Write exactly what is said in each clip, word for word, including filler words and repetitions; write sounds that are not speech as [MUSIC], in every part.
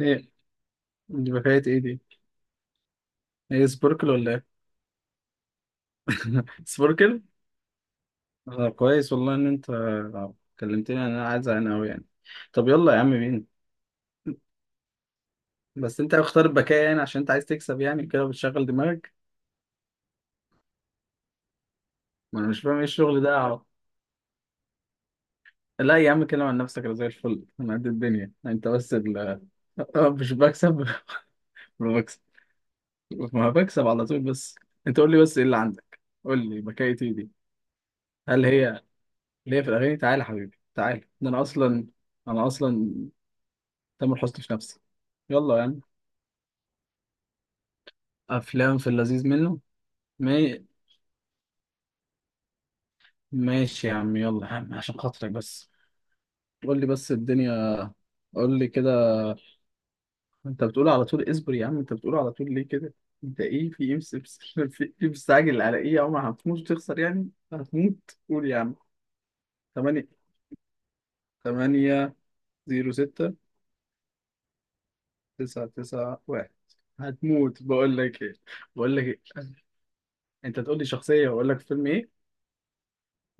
ايه. دي حكاية ايه دي؟ ايه سبوركل ولا ايه؟ سبوركل؟ آه، كويس والله. ان انت كلمتني، انا عايز انا اوي يعني. طب يلا يا عم، مين؟ بس انت اختار البكاء يعني عشان انت عايز تكسب، يعني كده بتشغل دماغك؟ ما انا مش فاهم ايه الشغل ده اهو. لا يا عم، كلم عن نفسك، انا زي الفل، انا قد الدنيا، انت بس ال- [LAUGHS] آه، مش بكسب. [LAUGHS] ما بكسب. ما بكسب على طول بس. انت قول لي بس ايه اللي عندك؟ قول لي بكاية ايه دي؟ هل هي اللي هي في الاغاني؟ تعالى يا حبيبي تعالى، ده انا اصلا، انا اصلا تامر حسني في نفسي. يلا يا عم. افلام في اللذيذ منه. ما... ماشي يا عم، يلا يا عم عشان خاطرك بس. قول لي بس الدنيا. قول لي كده. انت بتقول على طول اصبر يا عم، انت بتقول على طول ليه كده؟ انت ايه، في ايه؟ مس- مس- في ايه مستعجل، على ايه يا عم؟ هتموت وتخسر يعني، هتموت؟ قول يا عم. ثمانية ثمانية صفر ستة تسعة تسعة واحد. هتموت بقول لك ايه، بقول لك ايه. انت تقول لي شخصيه واقول لك فيلم ايه.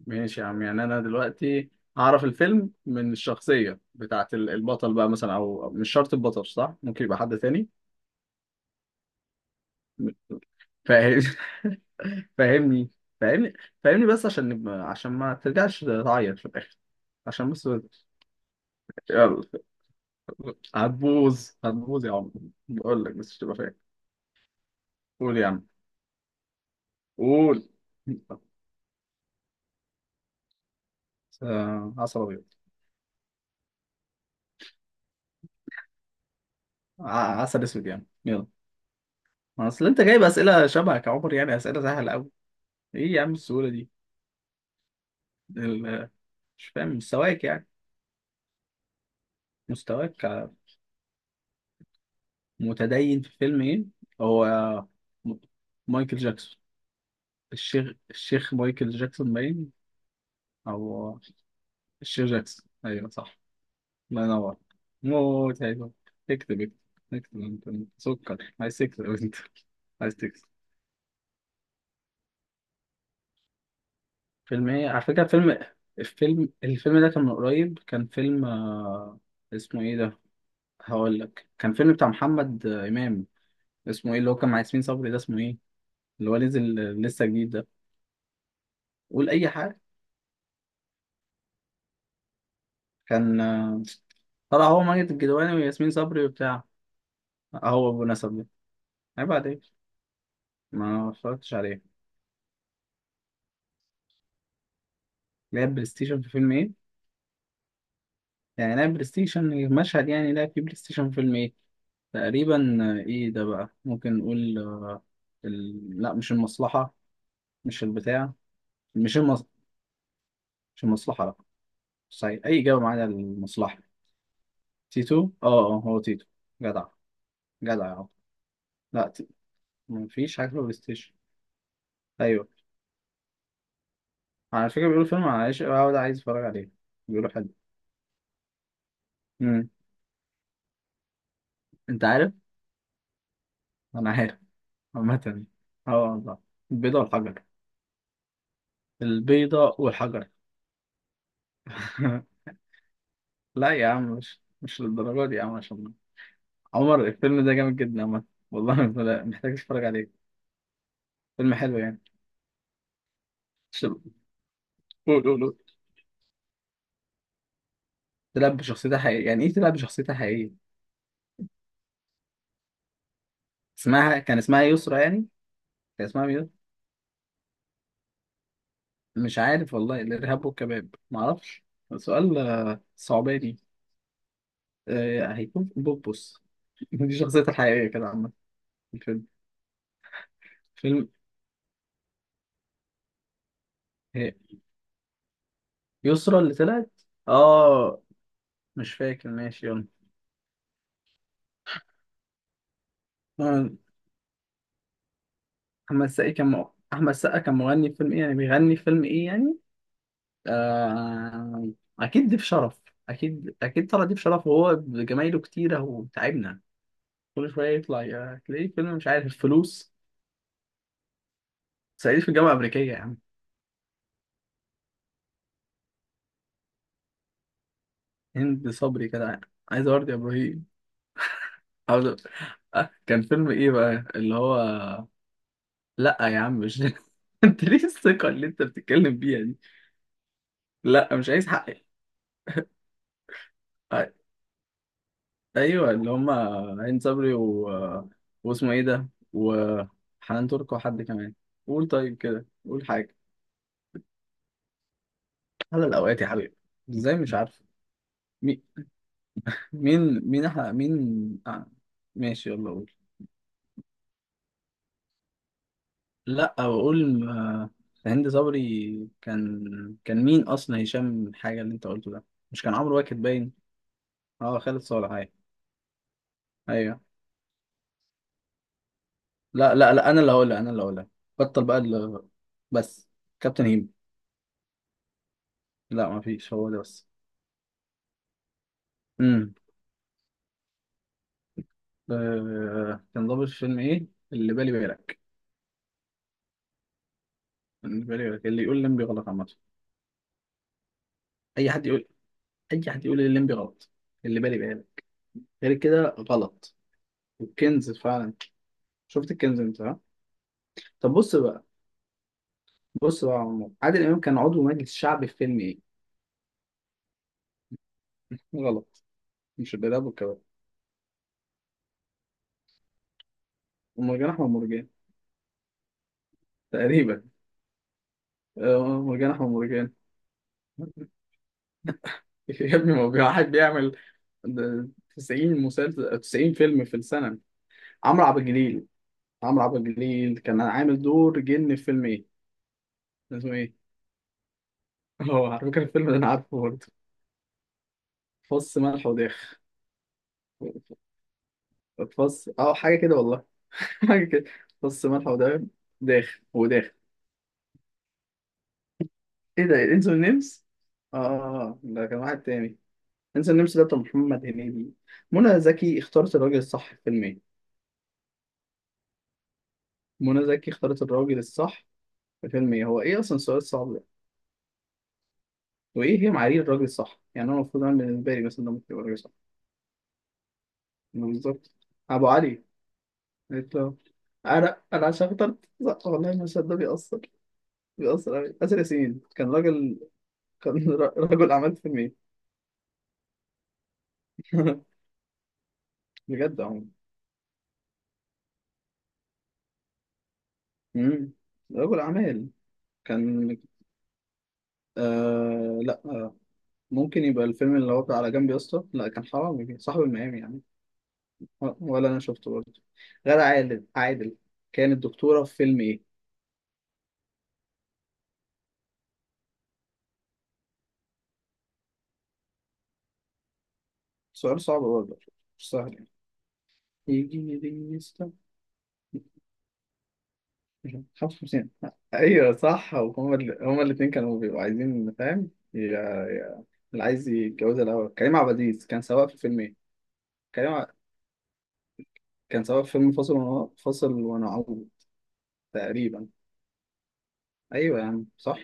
ماشي يا عم، يعني انا دلوقتي هعرف الفيلم من الشخصية بتاعت ال- البطل بقى، مثلا او أو مش شرط البطل، صح، ممكن يبقى حد تاني. م- فاهم. [LAUGHS] فاهمني، فاهمني، فاهمني بس عشان نبقى، عشان ما ترجعش تعيط في الاخر. عشان بس. يلا. هتبوظ هتبوظ يا عم، بقول لك بس تبقى فاهم. قول يا عم. قول. آه، عسل ابيض. ع- عسل اسود يا عم، يلا. ما اصل انت جايب اسئله شبهك يا عمر، يعني اسئله سهله قوي. ايه يا عم السهوله دي؟ مش فاهم مستواك يعني. مستواك. متدين في فيلم ايه؟ هو، م- مايكل جاكسون. الشيخ الشيخ مايكل جاكسون باين. او الشيخ جاكسون، ايوه صح. الله ينور. موت حلو. اكتب، اكتب. اكتب انت، أنت سكر، عايز تكتب انت؟ عايز تكتب. فيلم ايه على فكرة، فيلم؟ الفيلم الفيلم ده كان من قريب، كان فيلم آه، اسمه ايه ده؟ هقول لك، كان فيلم بتاع محمد آه، امام. اسمه ايه، اللي هو كان مع ياسمين صبري ده؟ اسمه ايه، اللي هو نزل آه، لسه جديد ده؟ قول اي حاجه. كان آه، طلع هو ماجد الكدواني وياسمين صبري وبتاع. آه، هو ابو نسب ده. عيب عليك، ما اتفرجتش عليه. لعب بلاي ستيشن في فيلم ايه. يعني لعب بلاي ستيشن المشهد، يعني لعب في بلاي ستيشن في فيلم ايه. تقريبا آه، ايه ده بقى؟ ممكن نقول آه، ال... لا مش المصلحه. مش البتاع. مش المص... مش المصلحه، لا. صحيح اي اجابه معانا المصلحه. تيتو؟ اه. اه هو تيتو. جدع، جدع يا عم. لا ت... مفيش حاجه في بلاي ستيشن. ايوه، على فكرة بيقولوا فيلم عن عايش أوي ده، عايز أتفرج عليه. بيقولوا حلو. امم، أنت عارف؟ أنا عارف. عامة، أه والله. البيضة والحجر. البيضة والحجر. [LAUGHS] لا يا عم، مش مش للدرجة دي يا عم، عشان عمر الفيلم ده جامد جدا عامة. والله، لا محتاج أتفرج عليه، فيلم حلو يعني. شو- قول، قول، قول. تلعب بشخصيتها حقيقية، يعني إيه تلعب بشخصيتها حقيقية؟ اسمها، كان اسمها يسرا يعني؟ كان اسمها مين؟ مش عارف والله. الإرهاب والكباب؟ معرفش. سؤال آه، صعباني. آه، هيكون بوبوس. دي شخصيتها الحقيقية كده عامة، في الفيلم. فيلم. هي يسرا اللي طلعت. اه، مش فاكر، ماشي يلا. آه، أحمد السقا كان مغ- أحمد السقا كان مغني في فيلم إيه، يعني بيغني في فيلم إيه يعني؟ آه... أكيد ضيف شرف. أكيد أكيد طلع ضيف شرف، وهو بجمايله كتيرة وتعبنا، كل شوية يطلع يا- تلاقيه فيلم مش عارف فلوس. صعيدي في الجامعة الأمريكية يا عم. هند صبري كده عايز أورد يا إبراهيم، عاوز- آه، كان فيلم إيه بقى اللي هو؟ لا يا عم، مش [LAUGHS] انت ليه الثقة اللي انت بتتكلم بيها دي؟ لا، مش عايز حقي. أ- ايوه، اللي هما عين صبري و... واسمه ايه ده، وحنان ترك، وحد كمان. قول طيب كده، قول حاجة. على الأوقات يا حبيبي. ازاي مش عارف؟ مين، مين مين احنا مين آه. ماشي يلا، قول. لا، بقول آه، هند صبري كان. كان مين اصلا، هشام حاجة اللي انت قلته ده؟ مش كان عمرو واكد باين؟ اه خالد صالح. ايوه. لا لا لا انا اللي هقولها، انا اللي هقولها. بطل بقى ال- بس. كابتن هيم. لا، ما فيش، هو ده بس. امم، آه... كان ضابط في فيلم ايه؟ اللي بالي بالك. اللي بالي بالك، اللي يقول لمبي غلط عامه. اي حد يقول، اي حد يقول الليمبي غلط. اللي بالي بالك. غير كده غلط. والكنز فعلا. شفت الكنز انت ها؟ طب بص بقى، بص بقى يا عمو. عادل امام كان عضو مجلس شعبي في فيلم ايه. غلط، مش الإرهاب والكباب. ومرجان احمد مرجان. تقريبا آه، مرجان احمد مرجان. [LAUGHS] يا ابني، ما هو واحد بيعمل ده تسعين مسلسل، تسعين فيلم في السنة. عمرو عبد الجليل، عمرو عبد الجليل كان عامل دور جن في فيلم ايه؟ اسمه ايه؟ [LAUGHS] هو على فكرة الفيلم ده انا عارفه برضه. فص ملح وداخ. فص اه حاجة كده والله. [LAUGHS] حاجة كده. فص ملح وداخ، داخ وداخ. ايه ده، انسو النمس؟ اه آه، آه، ده كان واحد تاني. انسو النمس ده بتاع محمد هنيدي. منى زكي اختارت الراجل الصح في فيلم ايه؟ منى زكي اختارت الراجل الصح في فيلم ايه؟ هو ايه اصلا، سؤال صعب. وايه هي معايير الراجل الصح يعني؟ انا المفروض انا بالنسبه لي مثلا ده ممكن يبقى راجل صح. إنه بالظبط. ابو علي. قلت له. انا انا عشان اخترت. صح والله، المشهد ده بيأثر، بيأثر قوي. آسر ياسين كان راجل، كان [LAUGHS] را- رجل اعمال في المية. [LAUGHS] بجد عم. امم، رجل اعمال. كان آه لا آه، ممكن يبقى الفيلم اللي هو بتاع على جنب يا اسطى. لا، كان حرام صاحب المقام يعني. ولا انا شفته برضه. غادة عادل عادل كانت دكتوره في فيلم ايه؟ سؤال صعب برضه، مش سهل يعني. يجي يجي. يسطا. خمسة وخمسين. أيوة صح، هما ال... هما الاتنين كانوا بيبقوا عايزين، فاهم يا... يا... اللي عايز يتجوزها الأول. كريم عبد العزيز كان سواق في فيلم إيه؟ كريم ع... كان سواق في فيلم فاصل ون... فاصل ونعود تقريبا. أيوة يا عم صح.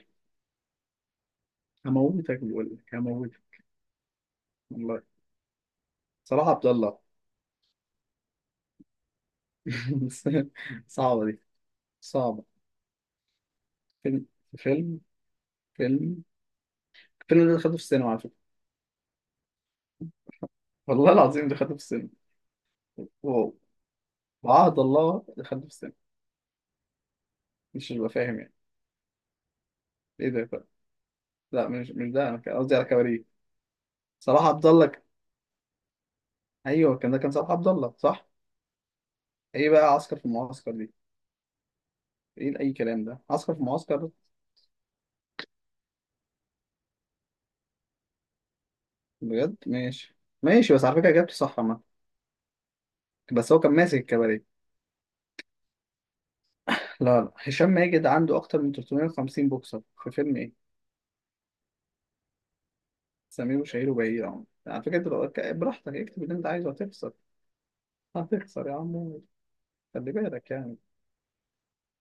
هموتك بقول لك، هموتك والله. صلاح عبد الله. [LAUGHS] بس صعبة دي، صعبة. فيلم، فيلم، فيلم. الفيلم ده دخلته في السينما على فكرة. والله العظيم دخلته في السينما. واو. وعهد الله دخلته في السينما، مش ببقى فاهم يعني. ايه ده بقى؟ لا، مش مش ده، انا كان قصدي على كباريه. صلاح عبد الله ك- ايوه كان، ده كان صلاح عبد الله صح. ايه بقى عسكر في المعسكر دي؟ ايه اي كلام ده عسكر في المعسكر؟ بجد ماشي. ماشي، بس على فكره جبت صح ما، بس هو كان ماسك الكباريه. لا لا هشام ماجد عنده اكتر من تلتمية وخمسين بوكسر في فيلم ايه؟ سمير وشهير وبهير يا عم. على فكره انت لو- براحتك اكتب اللي انت عايزه، هتخسر، هتخسر يا عم، خلي بالك يعني.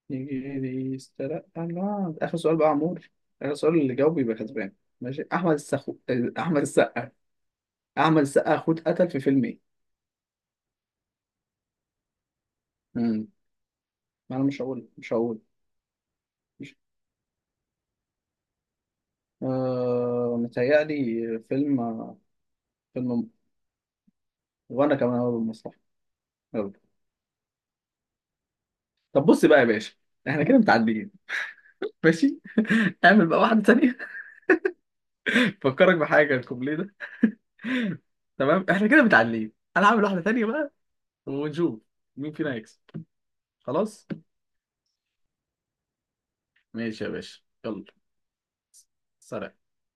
يسترق الله، ده آخر سؤال بقى يا عمور، آخر سؤال، اللي جاوب يبقى كسبان. ماشي. أحمد السخو، أحمد السقا. أحمد السقا أخوه اتقتل في فيلم إيه؟ مم. ما أنا مش هقول، مش هقول. مش... آه... متهيألي فيلم، فيلم. وأنا كمان هقول المصلحة. يلا. طب بص بقى يا باشا، إحنا كده متعدين. ماشي. [LAUGHS] اعمل بقى واحدة تانية. [LAUGHS] فكرك بحاجة الكوبليه ده. [LAUGHS] تمام، إحنا كده متعدين. أنا هعمل واحدة تانية بقى، ونشوف مين فينا هيكسب. خلاص. ماشي يا باشا يلا. سلام.